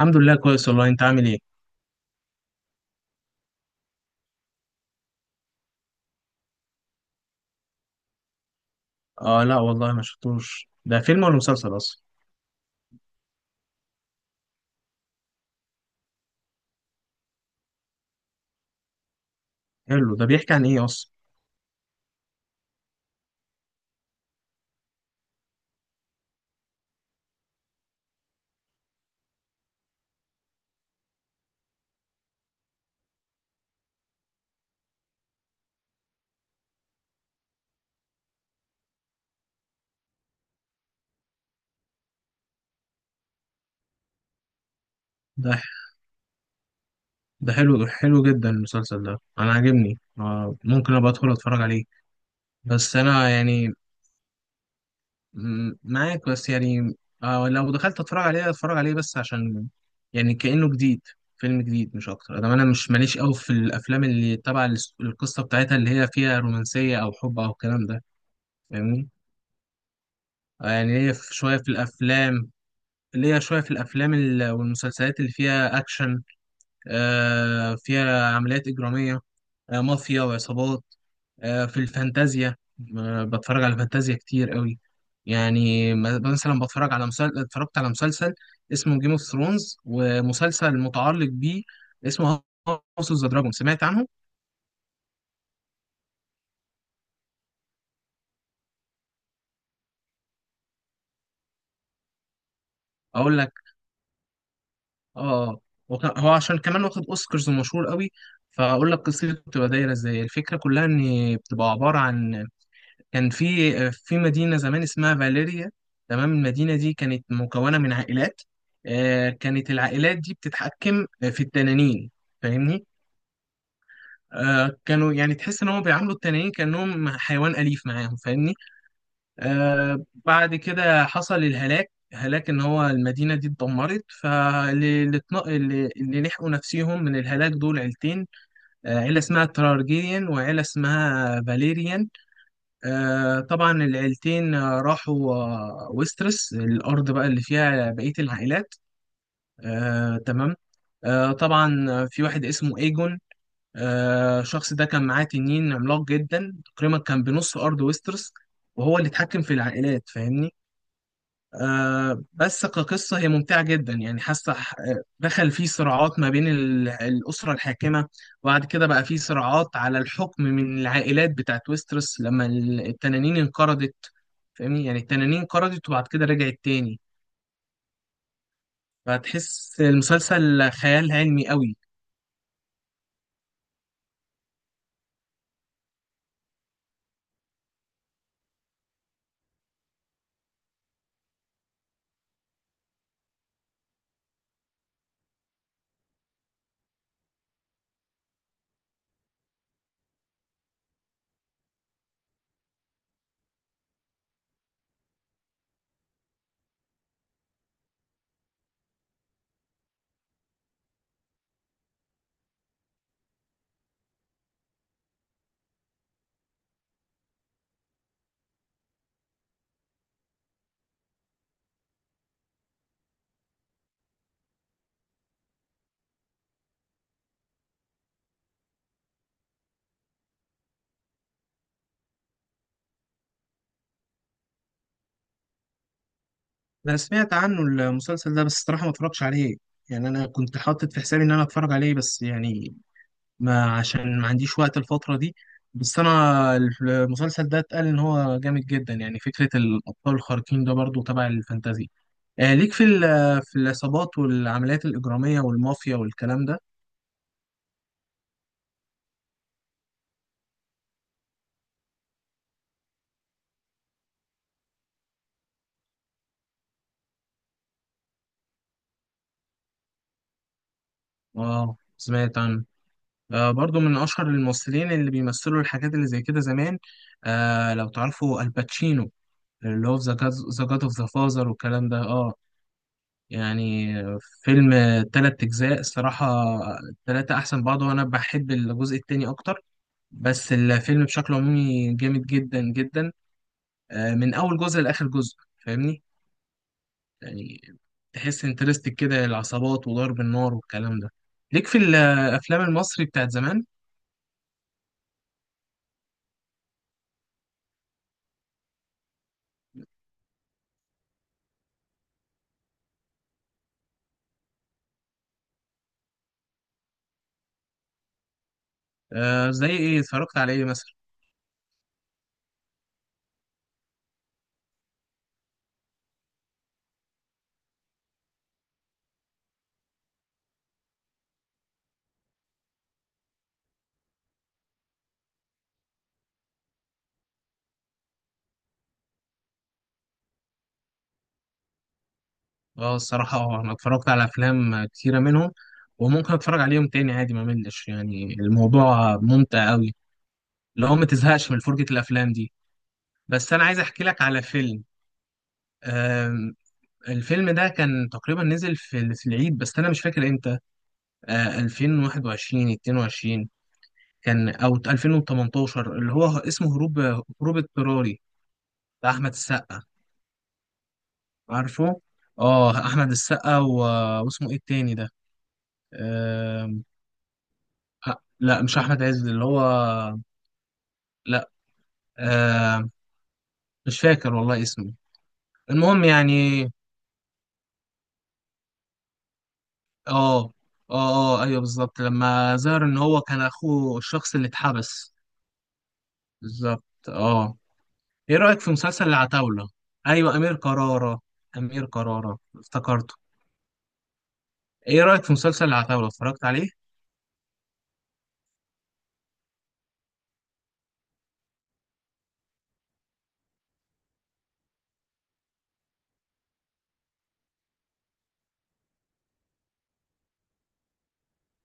الحمد لله كويس والله، انت عامل ايه؟ اه، لا والله ما شفتوش، ده فيلم ولا مسلسل اصلا. حلو، ده بيحكي عن ايه اصلا؟ ده ده حلو حلو جدا المسلسل ده، انا عاجبني. ممكن ابقى ادخل اتفرج عليه. بس انا يعني معاك، بس يعني لو دخلت اتفرج عليه، اتفرج عليه بس عشان يعني كأنه جديد، فيلم جديد مش اكتر. ده انا مش ماليش قوي في الافلام اللي تبع القصه بتاعتها اللي هي فيها رومانسيه او حب او الكلام ده. فاهمني؟ يعني هي شويه في الافلام. ليا شوية في الأفلام والمسلسلات اللي فيها أكشن، فيها عمليات إجرامية، مافيا وعصابات، في الفانتازيا. بتفرج على فانتازيا كتير قوي. يعني مثلا بتفرج على مسلسل، اتفرجت على مسلسل اسمه جيم اوف ثرونز، ومسلسل متعلق بيه اسمه هاوس اوف ذا دراجون. سمعت عنه؟ أقول لك. آه آه. هو عشان كمان واخد أوسكارز ومشهور قوي. فأقول لك قصته بتبقى دايرة إزاي. الفكرة كلها إن بتبقى عبارة عن كان في مدينة زمان اسمها فاليريا. تمام؟ المدينة دي كانت مكونة من عائلات. كانت العائلات دي بتتحكم في التنانين. فاهمني؟ كانوا يعني تحس ان هم بيعاملوا التنانين كأنهم حيوان أليف معاهم. فاهمني؟ بعد كده حصل الهلاك، هلاك ان هو المدينة دي اتدمرت. فاللي اللي اللي لحقوا نفسيهم من الهلاك دول عيلتين، عيلة اسمها ترارجيريان وعيلة اسمها فاليريان. طبعا العيلتين راحوا ويسترس، الأرض بقى اللي فيها بقية العائلات. تمام. طبعا في واحد اسمه ايجون. الشخص ده كان معاه تنين عملاق جدا، تقريبا كان بنص أرض ويسترس، وهو اللي اتحكم في العائلات. فاهمني؟ بس كقصة هي ممتعة جدا. يعني دخل فيه صراعات ما بين الأسرة الحاكمة. وبعد كده بقى فيه صراعات على الحكم من العائلات بتاعت ويستروس لما التنانين انقرضت. فاهمني؟ يعني التنانين انقرضت وبعد كده رجعت تاني. فهتحس المسلسل خيال علمي قوي. أنا سمعت عنه المسلسل ده، بس الصراحة ما اتفرجتش عليه. يعني أنا كنت حاطط في حسابي إن أنا أتفرج عليه، بس يعني ما عشان ما عنديش وقت الفترة دي. بس أنا المسلسل ده اتقال إن هو جامد جدا. يعني فكرة الأبطال الخارقين ده برضو تبع الفانتازي. ليك في في العصابات والعمليات الإجرامية والمافيا والكلام ده. آه، سمعت عنه. برضو من أشهر الممثلين اللي بيمثلوا الحاجات اللي زي كده زمان. لو تعرفوا الباتشينو اللي هو في ذا جاد أوف ذا فازر والكلام ده، اه. يعني فيلم تلات أجزاء الصراحة، التلاتة أحسن بعض، وأنا بحب الجزء التاني أكتر. بس الفيلم بشكل عمومي جامد جدا جدا، من أول جزء لآخر جزء. فاهمني؟ يعني تحس انترستك كده، العصابات وضرب النار والكلام ده. ليك في الأفلام المصري بتاعت زمان؟ زي إيه، اتفرجت على إيه مثلا؟ اه، الصراحة اه، أنا اتفرجت على أفلام كتيرة منهم، وممكن أتفرج عليهم تاني عادي. ما ملش يعني، الموضوع ممتع أوي، اللي هو ما تزهقش من فرجة الأفلام دي. بس أنا عايز أحكي لك على فيلم. آم، الفيلم ده كان تقريبا نزل في العيد، بس أنا مش فاكر إمتى. 2021 22 كان، أو 2018، اللي هو اسمه هروب، هروب اضطراري، بتاع أحمد السقا. عارفه؟ آه، أحمد السقا واسمه إيه التاني ده؟ آم، أ- لا مش أحمد عز، اللي هو لا. آم، مش فاكر والله اسمه. المهم يعني، اه اه اه، ايوه بالظبط، لما ظهر ان هو كان اخوه الشخص اللي اتحبس. بالظبط، اه. ايه رأيك في مسلسل العتاولة؟ ايوه، امير كرارة. امير كرارة افتكرته. ايه رأيك في مسلسل العتاولة، اتفرجت عليه؟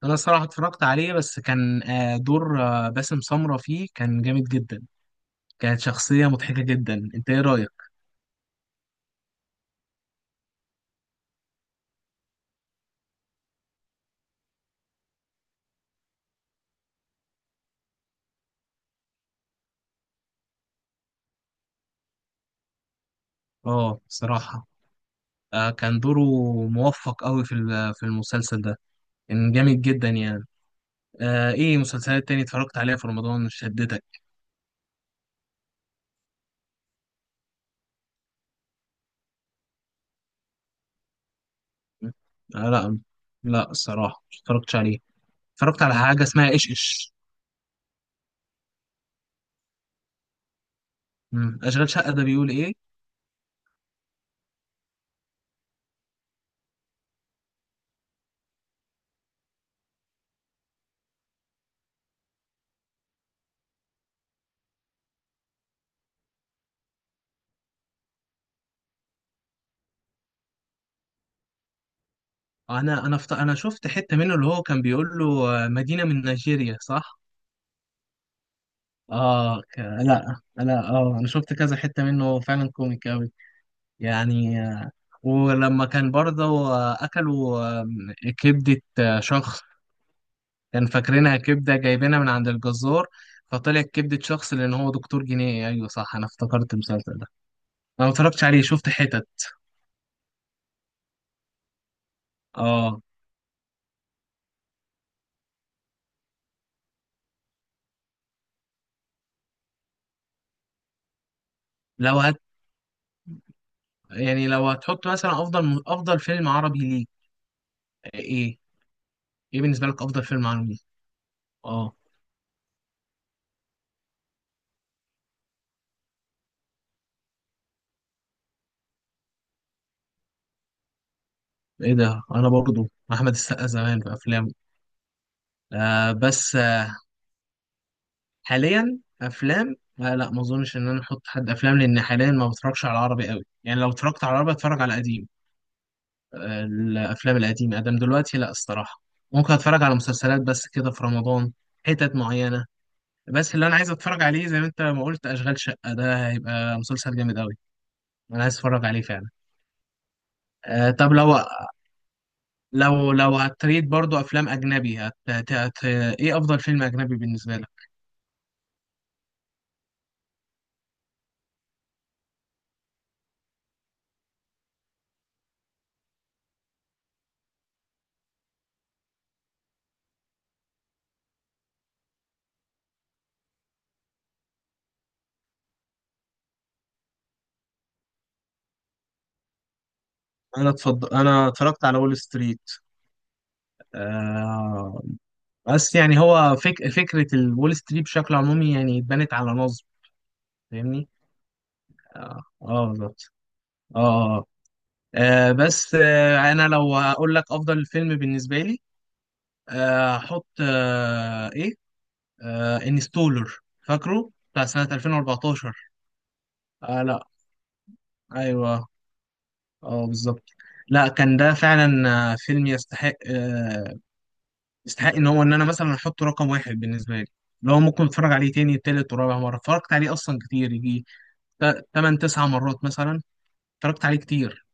انا الصراحة اتفرجت عليه، بس كان دور باسم سمرة فيه كان جامد جدا، كانت شخصية مضحكة جدا. انت ايه رأيك؟ اه، صراحة كان دوره موفق قوي في في المسلسل ده، كان جامد جدا يعني. ايه مسلسلات تاني اتفرجت عليها في رمضان شدتك؟ آه لا، لا الصراحة مش اتفرجتش عليه. اتفرجت على حاجة اسمها ايش ايش. اشغال شقة ده بيقول ايه؟ انا انا شفت حتة منه، اللي هو كان بيقول له مدينة من نيجيريا، صح؟ اه، لا لا، اه انا شفت كذا حتة منه، هو فعلا كوميك قوي يعني. ولما كان برضه اكلوا كبدة شخص، كان فاكرينها كبدة جايبينها من عند الجزار، فطلعت كبدة شخص، لأن هو دكتور جنائي. أيوه صح، أنا افتكرت المسلسل ده. أنا متفرجتش عليه، شفت حتت. اه، لو هت، يعني لو هتحط مثلا أفضل أفضل فيلم عربي ليك إيه؟ إيه بالنسبة لك أفضل فيلم عربي ليك؟ اه، إيه ده أنا برضو أحمد السقا زمان في أفلامه. بس حاليا أفلام، لا لا، ما أظنش إن أنا أحط حد أفلام، لأن حاليا ما بتفرجش على العربي قوي. يعني لو اتفرجت على العربي أتفرج على قديم. الافلام القديمه ادم دلوقتي، لا الصراحه. ممكن اتفرج على مسلسلات بس كده في رمضان، حتت معينه. بس اللي انا عايز اتفرج عليه زي ما انت ما قلت، اشغال شقه ده هيبقى مسلسل جامد قوي. انا عايز اتفرج عليه فعلا. أه، طب لو، لو لو هتريد برضو افلام اجنبي، ايه افضل فيلم اجنبي بالنسبه لك؟ انا اتفضل، انا اتفرجت على وول ستريت. آه... بس يعني هو فكره الول ستريت بشكل عمومي يعني اتبنت على نصب. فاهمني؟ اه، آه، بالظبط، اه. بس انا لو اقول لك افضل فيلم بالنسبه لي، احط ايه، انستولر. فاكره؟ بتاع سنه 2014. آه، لا، ايوه، اه بالظبط. لا كان ده فعلا فيلم يستحق، يستحق ان هو ان انا مثلا احطه رقم واحد بالنسبه لي. لو ممكن اتفرج عليه تاني، تالت ورابع مره. اتفرجت عليه اصلا كتير، يجي تمن تسع مرات مثلا، اتفرجت عليه كتير.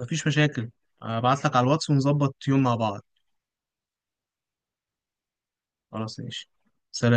مفيش مشاكل. ابعت لك على الواتس ونظبط يوم مع بعض. خلاص ماشي. سلام.